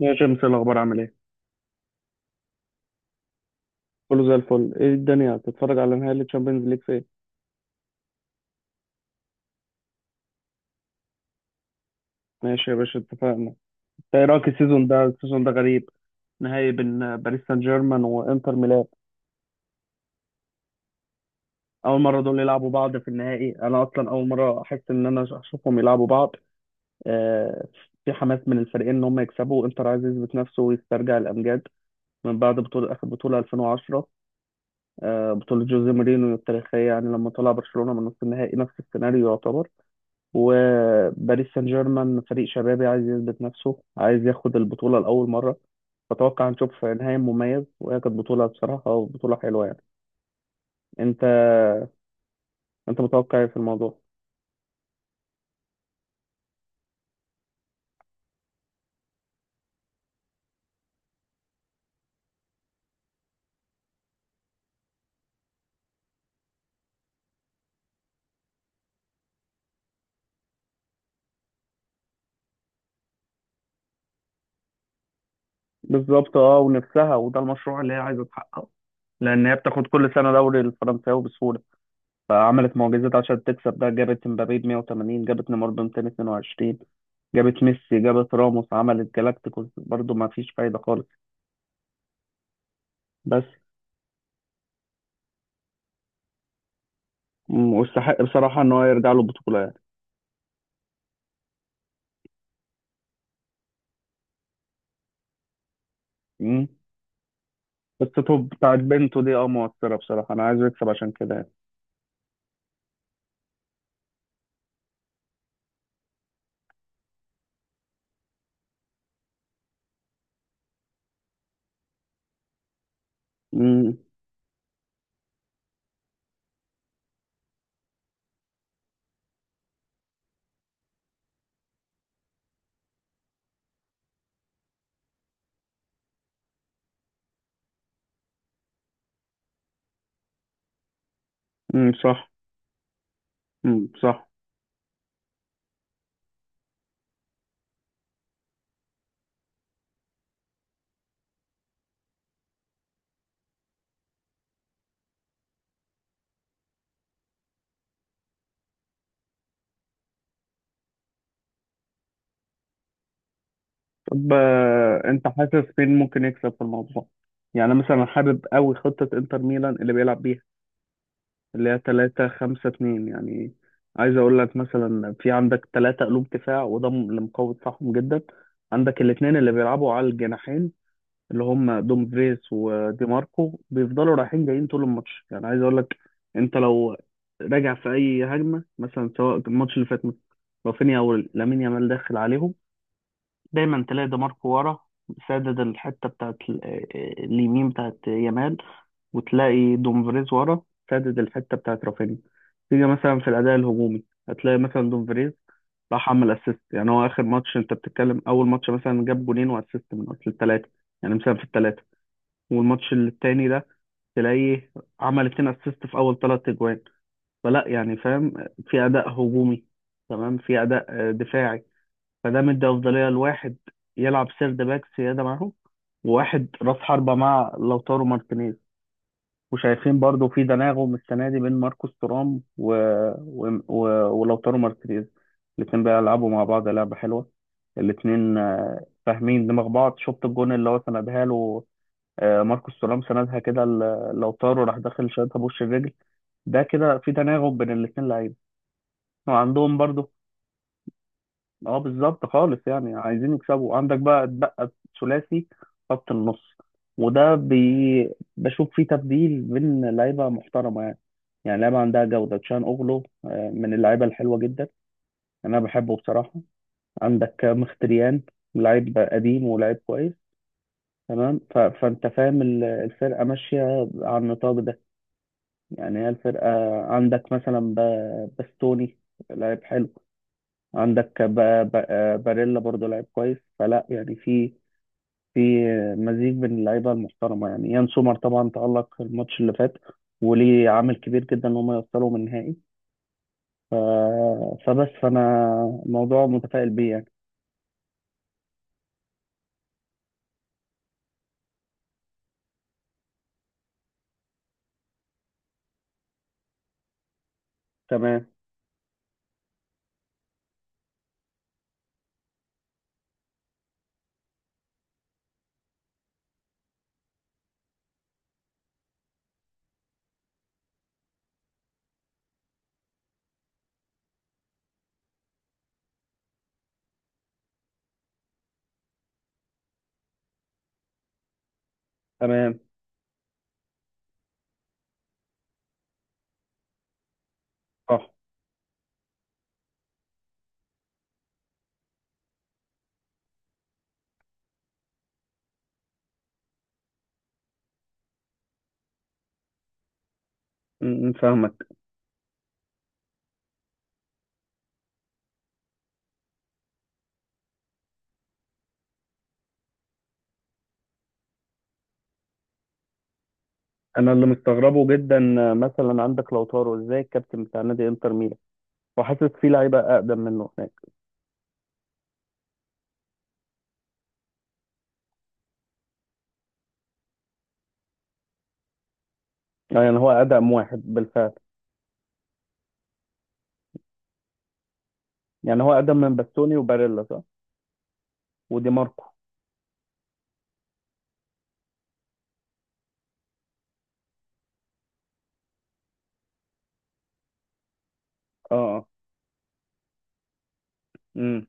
يا جيمس، إيه الاخبار؟ عامل ايه؟ كله زي الفل. ايه الدنيا بتتفرج على نهائي الشامبيونز ليج فين؟ ماشي يا باشا، اتفقنا. إنت ايه رايك؟ السيزون ده غريب. نهائي بين باريس سان جيرمان وانتر ميلان. اول مره دول يلعبوا بعض في النهائي، انا اصلا اول مره احس انا اشوفهم يلعبوا بعض. آه في حماس من الفريقين ان هم يكسبوا. انتر عايز يثبت نفسه ويسترجع الامجاد من بعد بطوله، اخر بطوله 2010. بطوله جوزيه مورينيو التاريخيه، يعني لما طلع برشلونه من نصف النهائي، نفس السيناريو يعتبر. وباريس سان جيرمان فريق شبابي عايز يثبت نفسه، عايز ياخد البطولة لأول مرة. فأتوقع نشوف نهائي مميز، وهي كانت بطولة، بصراحة بطولة حلوة يعني. أنت أنت متوقع إيه في الموضوع؟ بالظبط، أه، ونفسها، وده المشروع اللي هي عايزة تحققه، لأن هي بتاخد كل سنة دوري الفرنساوي بسهولة. فعملت معجزات عشان تكسب ده، جابت مبابي ب 180، جابت نيمار ب 222، جابت ميسي، جابت راموس، عملت جالاكتيكوس برضه ما فيش فايدة خالص. بس، واستحق بصراحة إن هو يرجع له بطولة يعني. مم. بس توب بتاعت بنته دي، مؤثرة بصراحة، أنا عايز أكسب عشان كده يعني. امم. امم، صح. امم، صح. طب، أنت حاسس مين ممكن يكسب في الموضوع؟ يعني أنا مثلا حابب أوي خطة إنتر ميلان اللي بيلعب بيها، اللي هي 3 5 2 يعني. عايز أقول لك، مثلا في عندك 3 قلوب دفاع، وده اللي مقوي دفاعهم جدا. عندك الاتنين اللي بيلعبوا على الجناحين، اللي هم دومفريس ودي ماركو، بيفضلوا رايحين جايين طول الماتش. يعني عايز اقول لك، انت لو راجع في اي هجمه مثلا، سواء الماتش اللي فات مثلا، رافينيا او لامين يامال داخل عليهم، دايما تلاقي دي ماركو ورا سادد الحته بتاعت اليمين بتاعت يامال، وتلاقي دومفريز ورا سادد الحته بتاعت رافينيا. تيجي مثلا في الاداء الهجومي، هتلاقي مثلا دومفريز راح عمل اسيست. يعني هو اخر ماتش، انت بتتكلم اول ماتش مثلا، جاب جونين واسيست من اصل الثلاثه، يعني مثلا في الثلاثه. والماتش التاني ده تلاقيه عمل 2 اسيست في اول 3 اجوان. فلا يعني، فاهم؟ في اداء هجومي تمام، في اداء دفاعي، فده مدي افضليه لواحد يلعب سيرد باك سياده معاهم، وواحد راس حربه مع لوتارو مارتينيز. وشايفين برضو في تناغم السنه دي بين ماركوس تورام و... و... ولوتارو مارتينيز. الاتنين بيلعبوا مع بعض لعبه حلوه. الاتنين فاهمين دماغ بعض. شفت الجون اللي هو سندها له، ماركوس تورام سندها كده لوتارو، راح داخل شايطها بوش الرجل. ده كده في تناغم بين الاثنين لعيبه، وعندهم برضو. اه، بالظبط خالص يعني، عايزين يكسبوا. عندك بقى اتبقى ثلاثي خط النص، وده بشوف فيه تبديل بين لعيبه محترمه يعني. يعني لعيبه عندها جوده. تشان اوغلو من اللعيبه الحلوه جدا، انا بحبه بصراحه. عندك مختريان، لعيب قديم ولعيب كويس، تمام. فانت فاهم الفرقه ماشيه على النطاق ده، يعني هي الفرقة. عندك مثلا باستوني، لعيب حلو. عندك ب... ب... آه، باريلا برضو لعيب كويس. فلا يعني، في مزيج بين اللعيبة المحترمة، يعني يان سومر طبعا تألق الماتش اللي فات، وليه عامل كبير جدا إن هم يوصلوا من النهائي. ف... فبس، فأنا الموضوع متفائل بيه يعني. تمام. تمام، صح. م- م، فاهمك. أنا اللي مستغربه جدا، مثلا عندك لوتارو، إزاي الكابتن بتاع نادي إنتر ميلان وحاسس في لعيبة أقدم منه. يعني هو أقدم واحد بالفعل. يعني هو أقدم من باستوني وباريلا، صح؟ ودي ماركو. اه، اه. امم.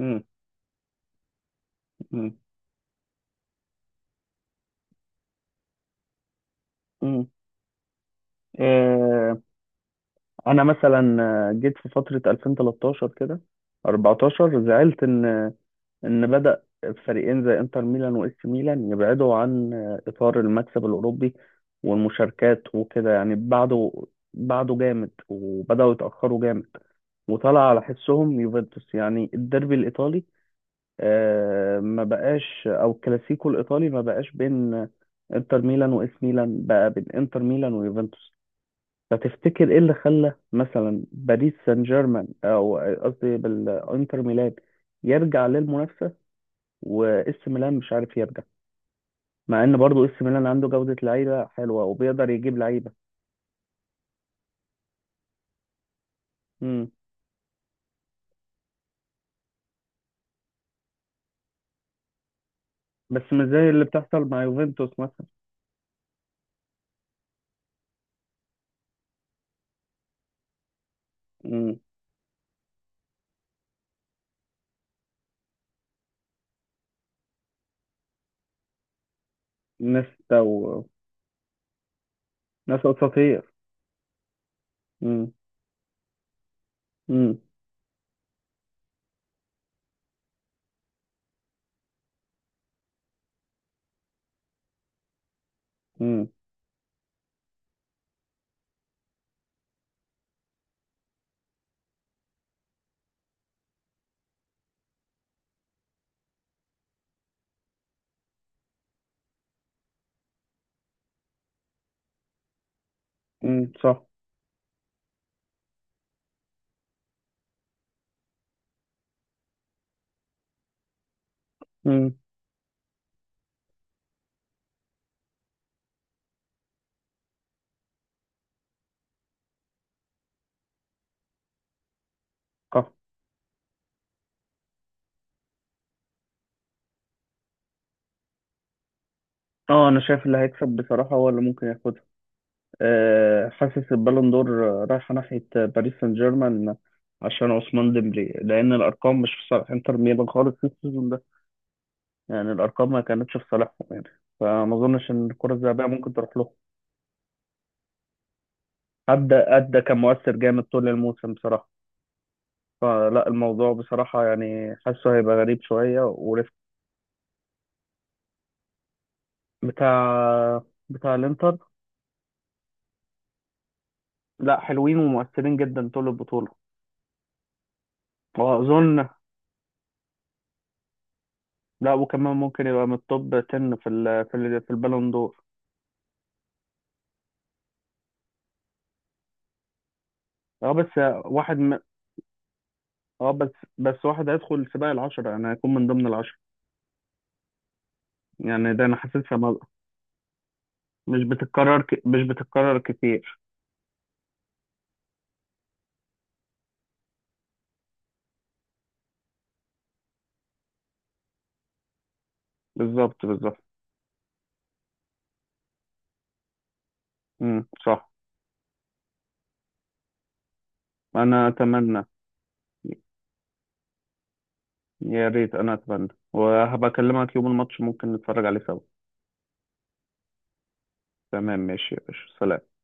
امم. امم. امم. آه، انا مثلا، جيت في فترة 2013 كده، 14، زعلت ان بدأ فريقين زي انتر ميلان واس ميلان يبعدوا عن اطار المكسب الاوروبي والمشاركات وكده، يعني بعده بعده جامد، وبدأوا يتأخروا جامد. وطلع على حسهم يوفنتوس، يعني الديربي الايطالي، ما بقاش، او الكلاسيكو الايطالي ما بقاش بين انتر ميلان واس ميلان، بقى بين انتر ميلان ويوفنتوس. فتفتكر ايه اللي خلى مثلا باريس سان جيرمان، او قصدي بالانتر ميلان، يرجع للمنافسه؟ واس ميلان مش عارف يرجع، مع ان برضو اس ميلان عنده جوده لعيبه حلوه وبيقدر يجيب لعيبه. مم. بس مش زي اللي بتحصل مع يوفنتوس مثلا. مم. ناس تو. ناس اساطير. مم. مم. مم. مم، صح. مم. اه، انا شايف اللي هيكسب بصراحة هو اللي ممكن ياخدها. أه، حاسس البالون دور رايحة ناحية باريس سان جيرمان، عشان عثمان ديمبلي، لأن الأرقام مش في صالح انتر ميلان خالص في السيزون ده، يعني الأرقام ما كانتش في صالحهم، يعني فما أظنش إن الكرة الذهبية ممكن تروح له. أدى كان مؤثر جامد طول الموسم بصراحة. فلا الموضوع بصراحة يعني حاسه هيبقى غريب شوية وريسك. بتاع بتاع الإنتر. لا، حلوين ومؤثرين جدا طول البطولة. وأظن لا، وكمان ممكن يبقى من التوب 10 في البالون دور. اه بس واحد م... اه بس واحد هيدخل سباق العشرة، انا هيكون من ضمن العشرة. يعني ده انا حاسسها مش بتتكرر كتير. بالظبط، بالظبط. امم، صح. انا اتمنى. يا ريت، انا اتمنى، وهبكلمك يوم الماتش ممكن نتفرج عليه سوا. تمام، ماشي يا باشا، سلام.